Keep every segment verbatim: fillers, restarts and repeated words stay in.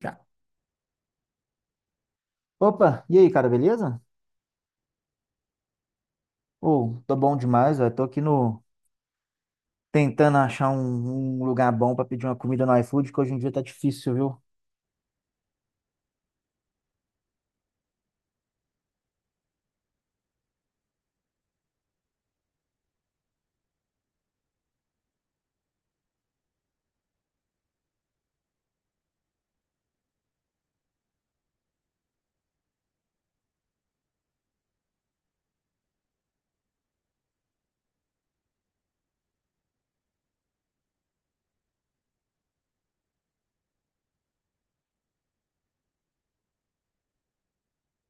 Já. Opa, e aí, cara, beleza? Ô, tô bom demais, velho. Tô aqui no tentando achar um, um lugar bom pra pedir uma comida no iFood, que hoje em dia tá difícil, viu?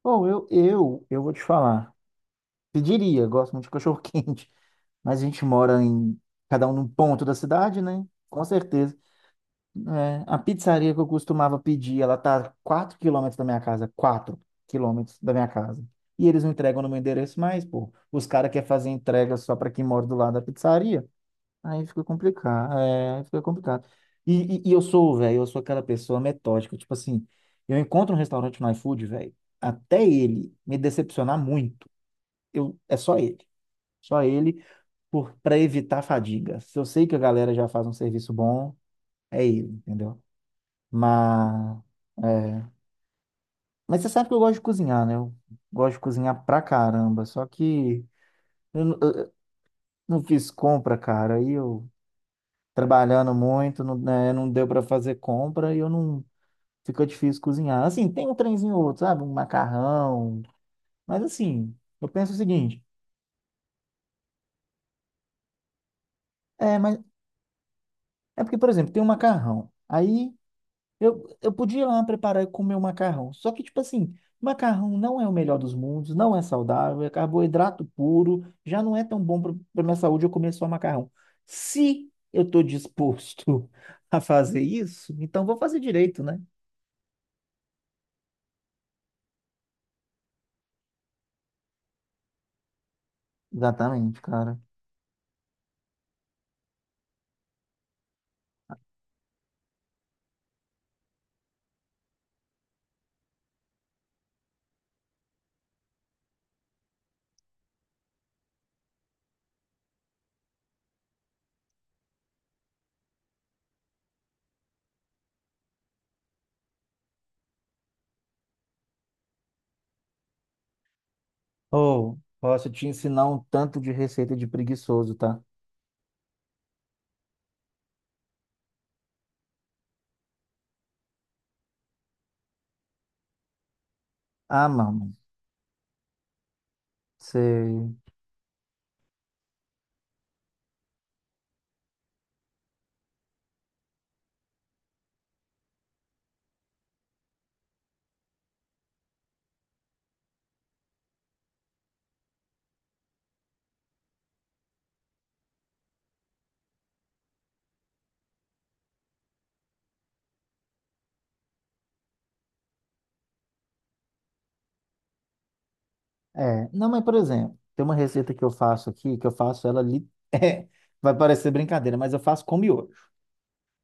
Ou eu, eu, eu vou te falar. Pediria, gosto muito de cachorro quente, mas a gente mora em cada um num ponto da cidade, né? Com certeza. É, a pizzaria que eu costumava pedir, ela tá a quatro quilômetros da minha casa, quatro quilômetros da minha casa. E eles não entregam no meu endereço mais, pô. Os caras querem fazer entrega só pra quem mora do lado da pizzaria. Aí fica complicado, é, aí fica complicado. E, e, e eu sou, velho, eu sou aquela pessoa metódica, tipo assim, eu encontro um restaurante no iFood, velho, até ele me decepcionar muito, eu, é só ele, só ele, por, para evitar a fadiga. Se eu sei que a galera já faz um serviço bom, é ele, entendeu? Mas, é, mas você sabe que eu gosto de cozinhar, né? Eu gosto de cozinhar pra caramba, só que eu, n- eu não fiz compra, cara, aí eu trabalhando muito, não, né, não deu para fazer compra e eu não ficou difícil cozinhar. Assim, tem um trenzinho ou outro, sabe? Um macarrão. Mas assim, eu penso o seguinte, é, mas é porque, por exemplo, tem um macarrão. Aí eu, eu podia ir lá preparar e comer o macarrão. Só que, tipo assim, macarrão não é o melhor dos mundos, não é saudável, é carboidrato puro, já não é tão bom para minha saúde eu comer só macarrão. Se eu estou disposto a fazer isso, então vou fazer direito, né? Exatamente, cara. Ou posso te ensinar um tanto de receita de preguiçoso, tá? Ah, mano. Você. É. Não, mas por exemplo, tem uma receita que eu faço aqui, que eu faço ela ali. É, vai parecer brincadeira, mas eu faço com miojo.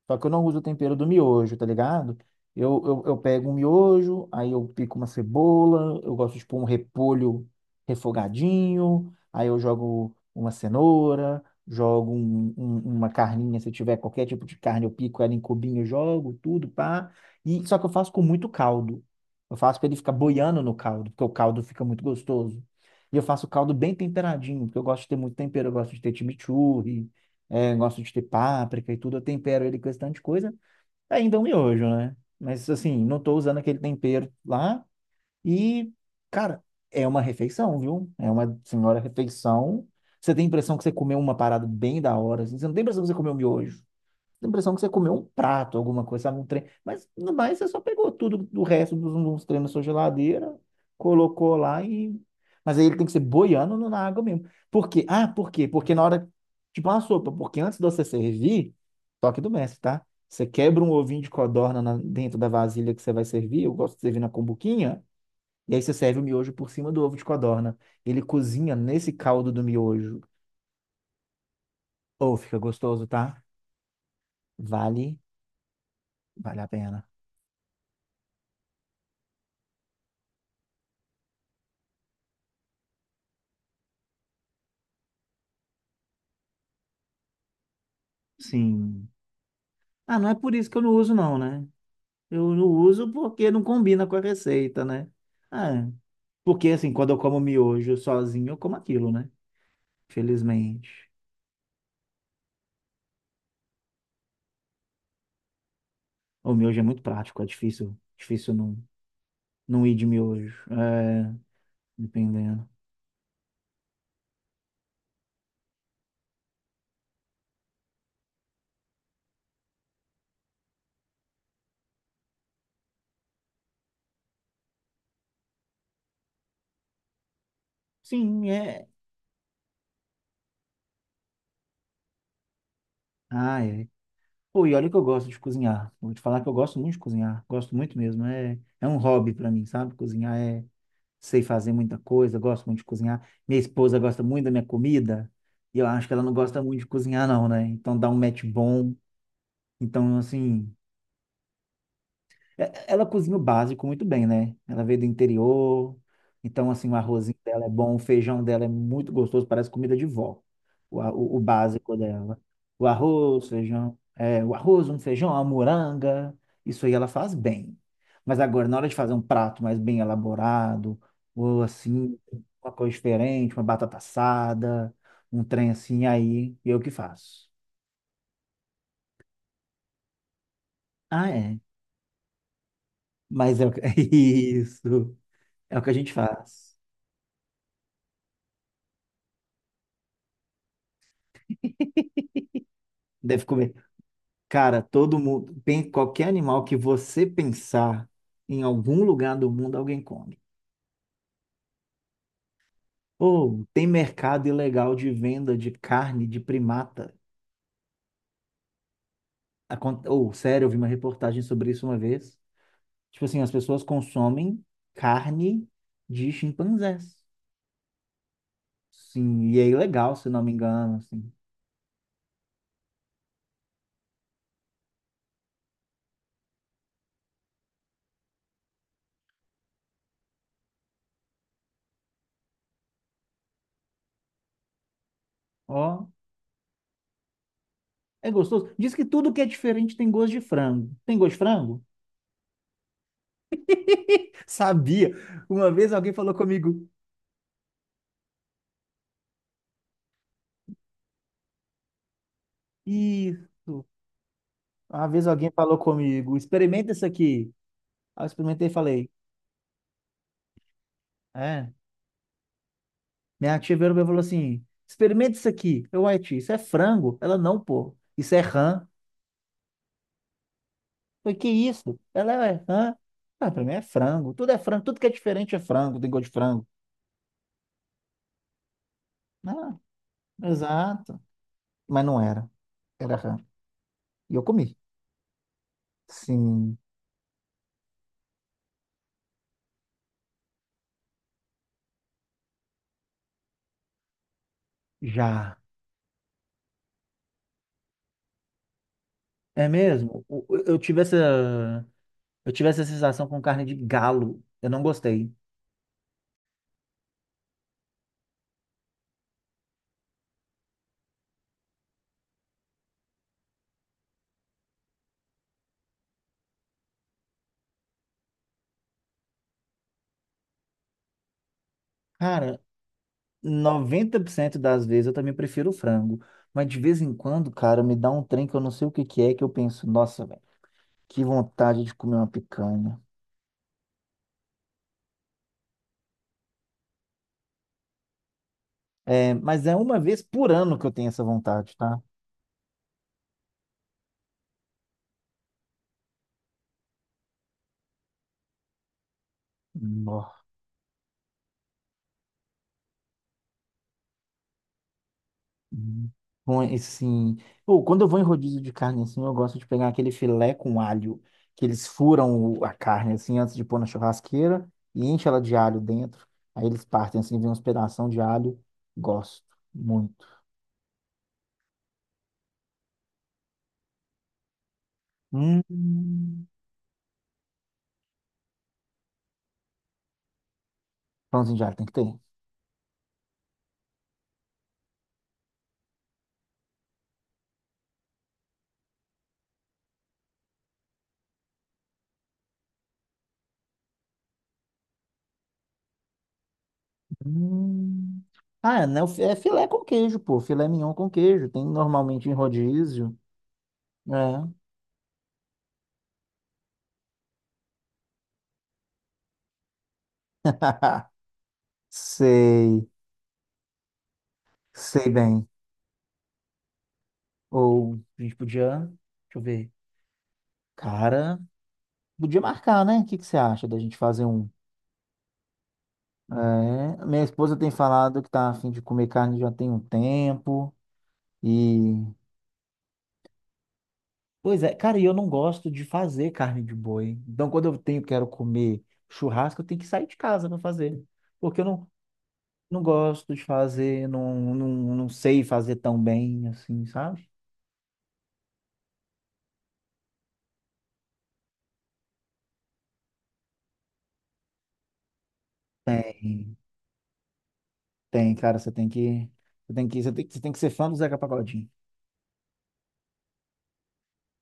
Só que eu não uso o tempero do miojo, tá ligado? Eu, eu, eu pego um miojo, aí eu pico uma cebola, eu gosto de pôr um repolho refogadinho, aí eu jogo uma cenoura, jogo um- um- uma carninha, se tiver qualquer tipo de carne, eu pico ela em cubinho, jogo tudo, pá. E, só que eu faço com muito caldo. Eu faço para ele ficar boiando no caldo, porque o caldo fica muito gostoso. E eu faço o caldo bem temperadinho, porque eu gosto de ter muito tempero, eu gosto de ter chimichurri, é, gosto de ter páprica e tudo, eu tempero ele com esse tanto de coisa, ainda é um miojo, né? Mas assim, não tô usando aquele tempero lá e, cara, é uma refeição, viu? É uma senhora refeição. Você tem a impressão que você comeu uma parada bem da hora, assim, você não tem a impressão que você comeu miojo. Dá a impressão que você comeu um prato, alguma coisa, sabe, um trem. Mas no mais, você só pegou tudo do resto dos, dos treinos na sua geladeira, colocou lá e. Mas aí ele tem que ser boiando no- na água mesmo. Por quê? Ah, por quê? Porque na hora. Tipo uma sopa, porque antes de você servir, toque do mestre, tá? Você quebra um ovinho de codorna na- dentro da vasilha que você vai servir, eu gosto de servir na cumbuquinha, e aí você serve o miojo por cima do ovo de codorna. Ele cozinha nesse caldo do miojo. Ou fica gostoso, tá? Vale, vale a pena. Sim. Ah, não é por isso que eu não uso, não, né? Eu não uso porque não combina com a receita, né? Ah, porque assim, quando eu como miojo sozinho, eu como aquilo, né? Felizmente. O miojo é muito prático, é difícil, difícil não, não ir de miojo. É, dependendo. Sim, é. Ah, é. Pô, e olha que eu gosto de cozinhar. Vou te falar que eu gosto muito de cozinhar. Gosto muito mesmo. É, é um hobby pra mim, sabe? Cozinhar é. Sei fazer muita coisa, gosto muito de cozinhar. Minha esposa gosta muito da minha comida, e eu acho que ela não gosta muito de cozinhar, não, né? Então dá um match bom. Então, assim. É- Ela cozinha o básico muito bem, né? Ela veio do interior, então, assim, o arrozinho dela é bom, o feijão dela é muito gostoso, parece comida de vó, o, a- o, o básico dela. O arroz, feijão, é, o arroz, um feijão, uma moranga, isso aí ela faz bem. Mas agora, na hora de fazer um prato mais bem elaborado, ou assim, uma coisa diferente, uma batata assada, um trem assim, aí eu que faço. Ah, é. Mas é o que- isso, é o que a gente faz. Deve comer. Cara, todo mundo, bem, qualquer animal que você pensar em algum lugar do mundo, alguém come. Ou tem mercado ilegal de venda de carne de primata. Acon- Ou, sério, eu vi uma reportagem sobre isso uma vez. Tipo assim, as pessoas consomem carne de chimpanzés. Sim, e é ilegal, se não me engano, assim. Ó, é gostoso. Diz que tudo que é diferente tem gosto de frango. Tem gosto de frango? Sabia. Uma vez alguém falou comigo, isso. Uma vez alguém falou comigo, experimenta isso aqui. Aí eu experimentei e falei, é. Minha tia virou pra mim e falou assim, experimenta isso aqui. Eu, ué, tia, isso é frango? Ela, não, pô. Isso é rã. Eu, falei, que isso? Ela, é rã? Ah, pra mim é frango. Tudo é frango. Tudo que é diferente é frango. Tem gosto de frango. Ah, exato. Mas não era. Era rã. E eu comi. Sim, já. É mesmo? O- o- Eu tive essa, eu tive essa sensação com carne de galo. Eu não gostei. Cara, noventa por cento das vezes eu também prefiro o frango. Mas de vez em quando, cara, me dá um trem que eu não sei o que que é, que eu penso, nossa, velho, que vontade de comer uma picanha. É, mas é uma vez por ano que eu tenho essa vontade, tá? Nó. Hum. Bom, e sim. Pô, quando eu vou em rodízio de carne assim, eu gosto de pegar aquele filé com alho, que eles furam o- a carne assim antes de pôr na churrasqueira e enche ela de alho dentro. Aí eles partem assim, vem uns pedação de alho. Gosto muito. Hum. Pãozinho de alho tem que ter. Hum. Ah, é, né? o fi- É filé com queijo, pô. Filé mignon com queijo. Tem normalmente em rodízio. É. Sei. Sei bem. Ou a gente podia. Deixa eu ver. Cara, podia marcar, né? O que que você acha da gente fazer um? É, minha esposa tem falado que tá a fim de comer carne já tem um tempo. Pois é, cara, e eu não gosto de fazer carne de boi. Então, quando eu tenho, quero comer churrasco, eu tenho que sair de casa para fazer. Porque eu não, não gosto de fazer, não, não, não sei fazer tão bem, assim, sabe? Tem, tem, cara, você tem que, você tem que, você tem, que- você tem que ser fã do Zeca Pagodinho.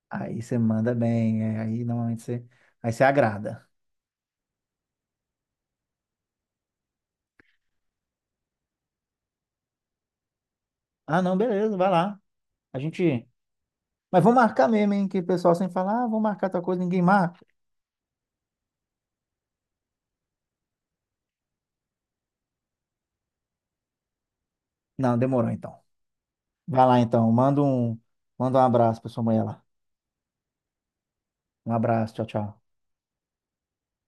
Aí você manda bem, é, aí normalmente você, aí você agrada. Ah, não, beleza, vai lá. A gente, mas vamos marcar mesmo, hein, que o pessoal sempre fala, ah, vamos marcar tal coisa, ninguém marca. Não, demorou então. Vai lá então, manda um, manda um abraço pra sua mulher lá. Um abraço, tchau, tchau.